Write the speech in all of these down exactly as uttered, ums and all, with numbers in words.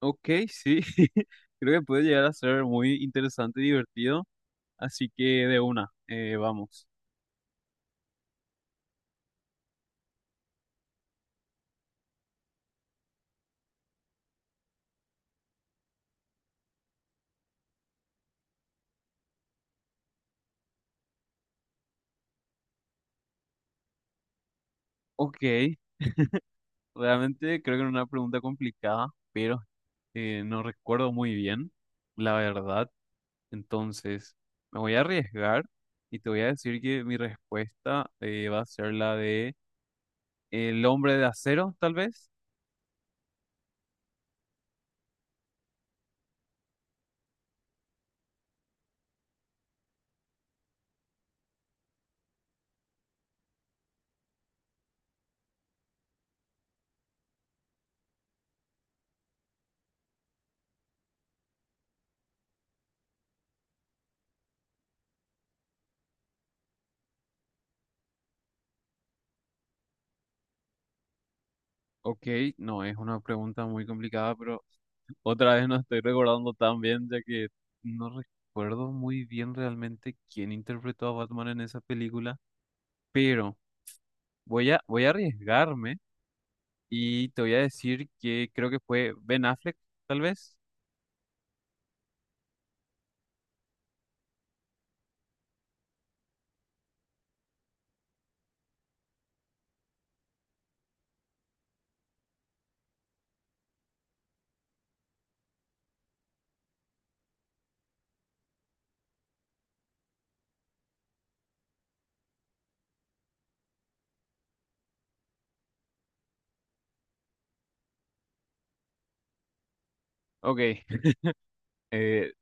Ok, sí, creo que puede llegar a ser muy interesante y divertido, así que de una, eh, vamos. Ok, realmente creo que era una pregunta complicada, pero eh, no recuerdo muy bien, la verdad. Entonces, me voy a arriesgar y te voy a decir que mi respuesta eh, va a ser la de el hombre de acero, tal vez. Ok, no, es una pregunta muy complicada, pero otra vez no estoy recordando tan bien, ya que no recuerdo muy bien realmente quién interpretó a Batman en esa película, pero voy a, voy a arriesgarme y te voy a decir que creo que fue Ben Affleck, tal vez. Ok, eh,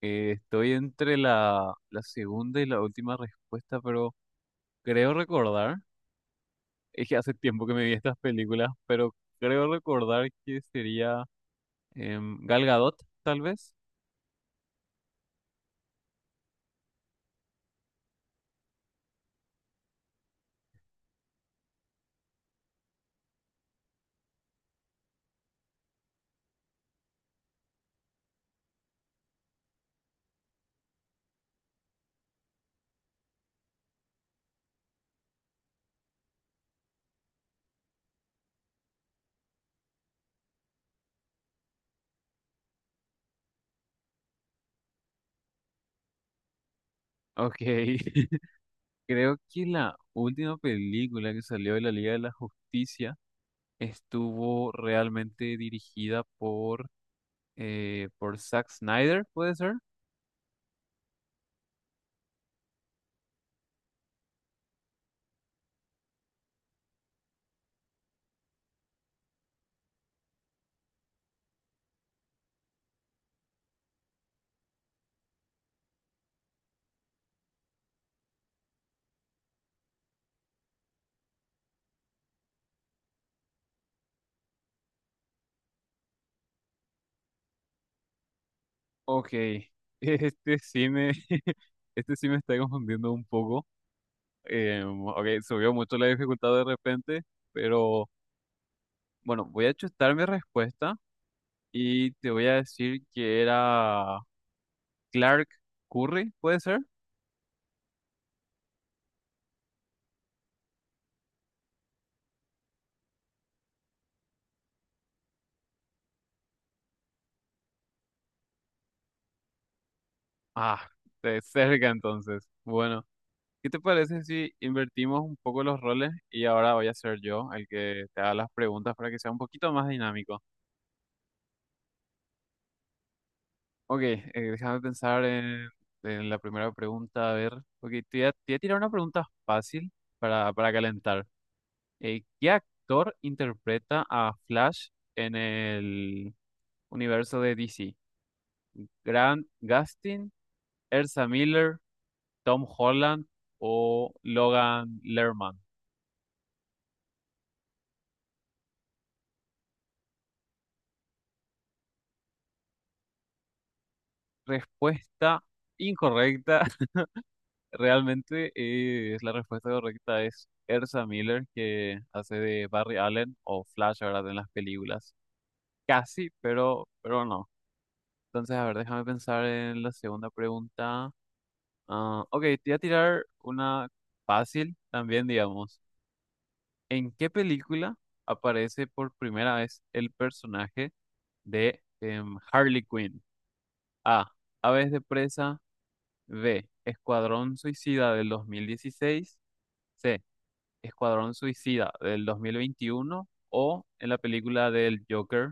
eh, estoy entre la, la segunda y la última respuesta, pero creo recordar, es que hace tiempo que me vi estas películas, pero creo recordar que sería em, Gal Gadot, tal vez. Ok. Creo que la última película que salió de la Liga de la Justicia estuvo realmente dirigida por, eh, por Zack Snyder, ¿puede ser? Ok, este sí me, este sí me está confundiendo un poco. Eh, ok, subió mucho la dificultad de repente, pero bueno, voy a chutar mi respuesta y te voy a decir que era Clark Curry, ¿puede ser? Ah, de cerca entonces. Bueno. ¿Qué te parece si invertimos un poco los roles y ahora voy a ser yo el que te haga las preguntas para que sea un poquito más dinámico? Ok, eh, déjame pensar en, en la primera pregunta. A ver, ok, te voy a, te voy a tirar una pregunta fácil para, para calentar. Eh, ¿qué actor interpreta a Flash en el universo de D C? ¿Grant Gustin, Ezra Miller, Tom Holland o Logan Lerman? Respuesta incorrecta. Realmente eh, es la respuesta correcta es Ersa Miller, que hace de Barry Allen o Flash, ¿verdad? En las películas. Casi, pero, pero no. Entonces, a ver, déjame pensar en la segunda pregunta. Ah, ok, te voy a tirar una fácil también, digamos. ¿En qué película aparece por primera vez el personaje de em, Harley Quinn? A. Aves de presa. B. Escuadrón Suicida del dos mil dieciséis. C. Escuadrón Suicida del dos mil veintiuno, o en la película del Joker.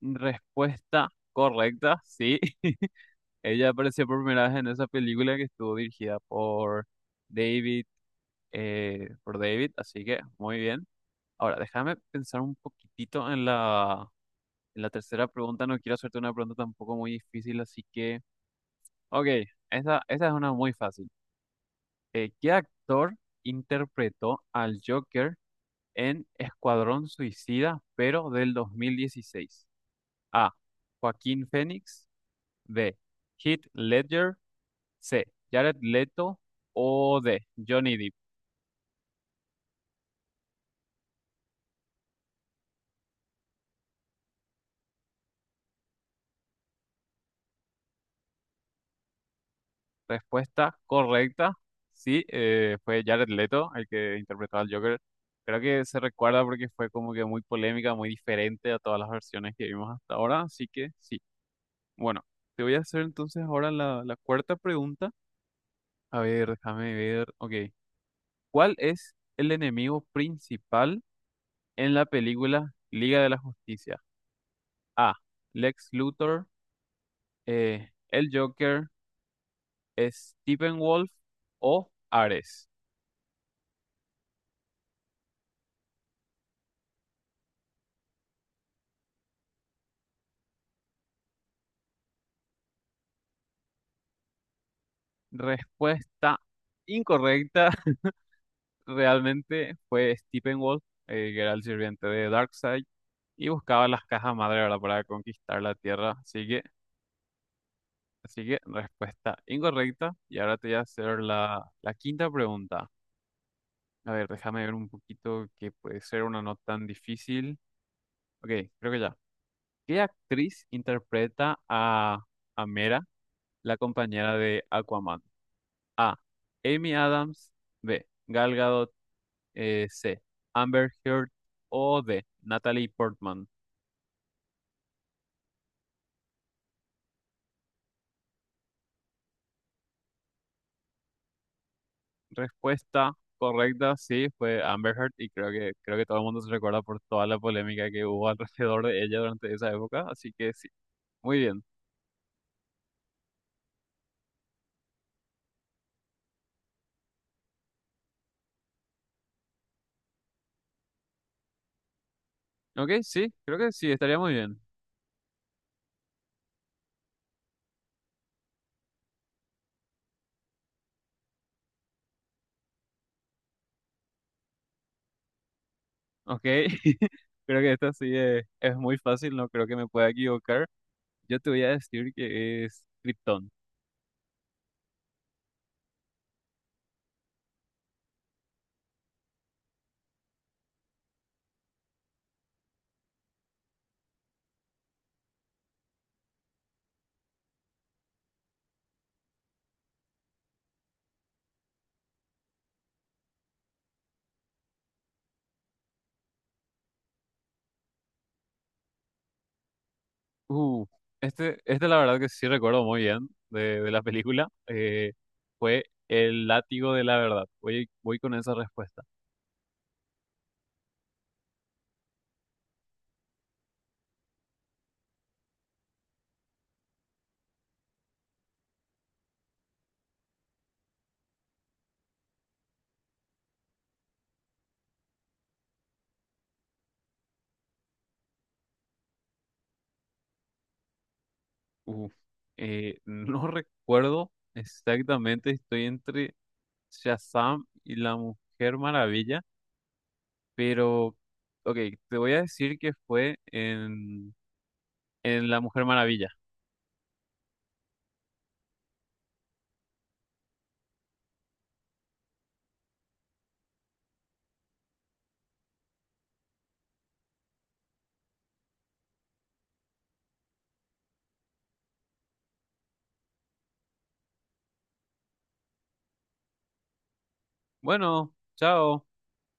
Respuesta correcta, sí. Ella apareció por primera vez en esa película que estuvo dirigida por David, eh, por David, así que muy bien. Ahora, déjame pensar un poquitito en la, en la tercera pregunta. No quiero hacerte una pregunta tampoco muy difícil, así que... Ok, esa, esa es una muy fácil. Eh, ¿qué actor interpretó al Joker en Escuadrón Suicida, pero del dos mil dieciséis? A. Joaquín Phoenix. B. Heath Ledger. C. Jared Leto. O D. Johnny Depp. Respuesta correcta. Sí, eh, fue Jared Leto el que interpretó al Joker. Creo que se recuerda porque fue como que muy polémica, muy diferente a todas las versiones que vimos hasta ahora. Así que sí. Bueno, te voy a hacer entonces ahora la, la cuarta pregunta. A ver, déjame ver. Ok. ¿Cuál es el enemigo principal en la película Liga de la Justicia? A. Lex Luthor, eh, el Joker, Stephen Wolf o Ares. Respuesta incorrecta. Realmente fue Stephen Wolf, eh, que era el sirviente de Darkseid y buscaba las cajas madre, ¿verdad?, para conquistar la Tierra. Así que, así que respuesta incorrecta. Y ahora te voy a hacer la, la quinta pregunta. A ver, déjame ver un poquito que puede ser una no tan difícil. Ok, creo que ya. ¿Qué actriz interpreta a, a Mera, la compañera de Aquaman? A. Amy Adams. B. Gal Gadot. eh, C. Amber Heard. O D. Natalie Portman. Respuesta correcta, sí, fue Amber Heard. Y creo que, creo que todo el mundo se recuerda por toda la polémica que hubo alrededor de ella durante esa época. Así que sí, muy bien. Ok, sí, creo que sí, estaría muy bien. Ok, creo que esta sí es, es muy fácil, no creo que me pueda equivocar. Yo te voy a decir que es Krypton. Uh, este, este la verdad que sí recuerdo muy bien de, de la película. Eh, fue el látigo de la verdad. Voy, voy con esa respuesta. Uh, eh, no recuerdo exactamente, estoy entre Shazam y la Mujer Maravilla, pero, ok, te voy a decir que fue en, en la Mujer Maravilla. Bueno, chao.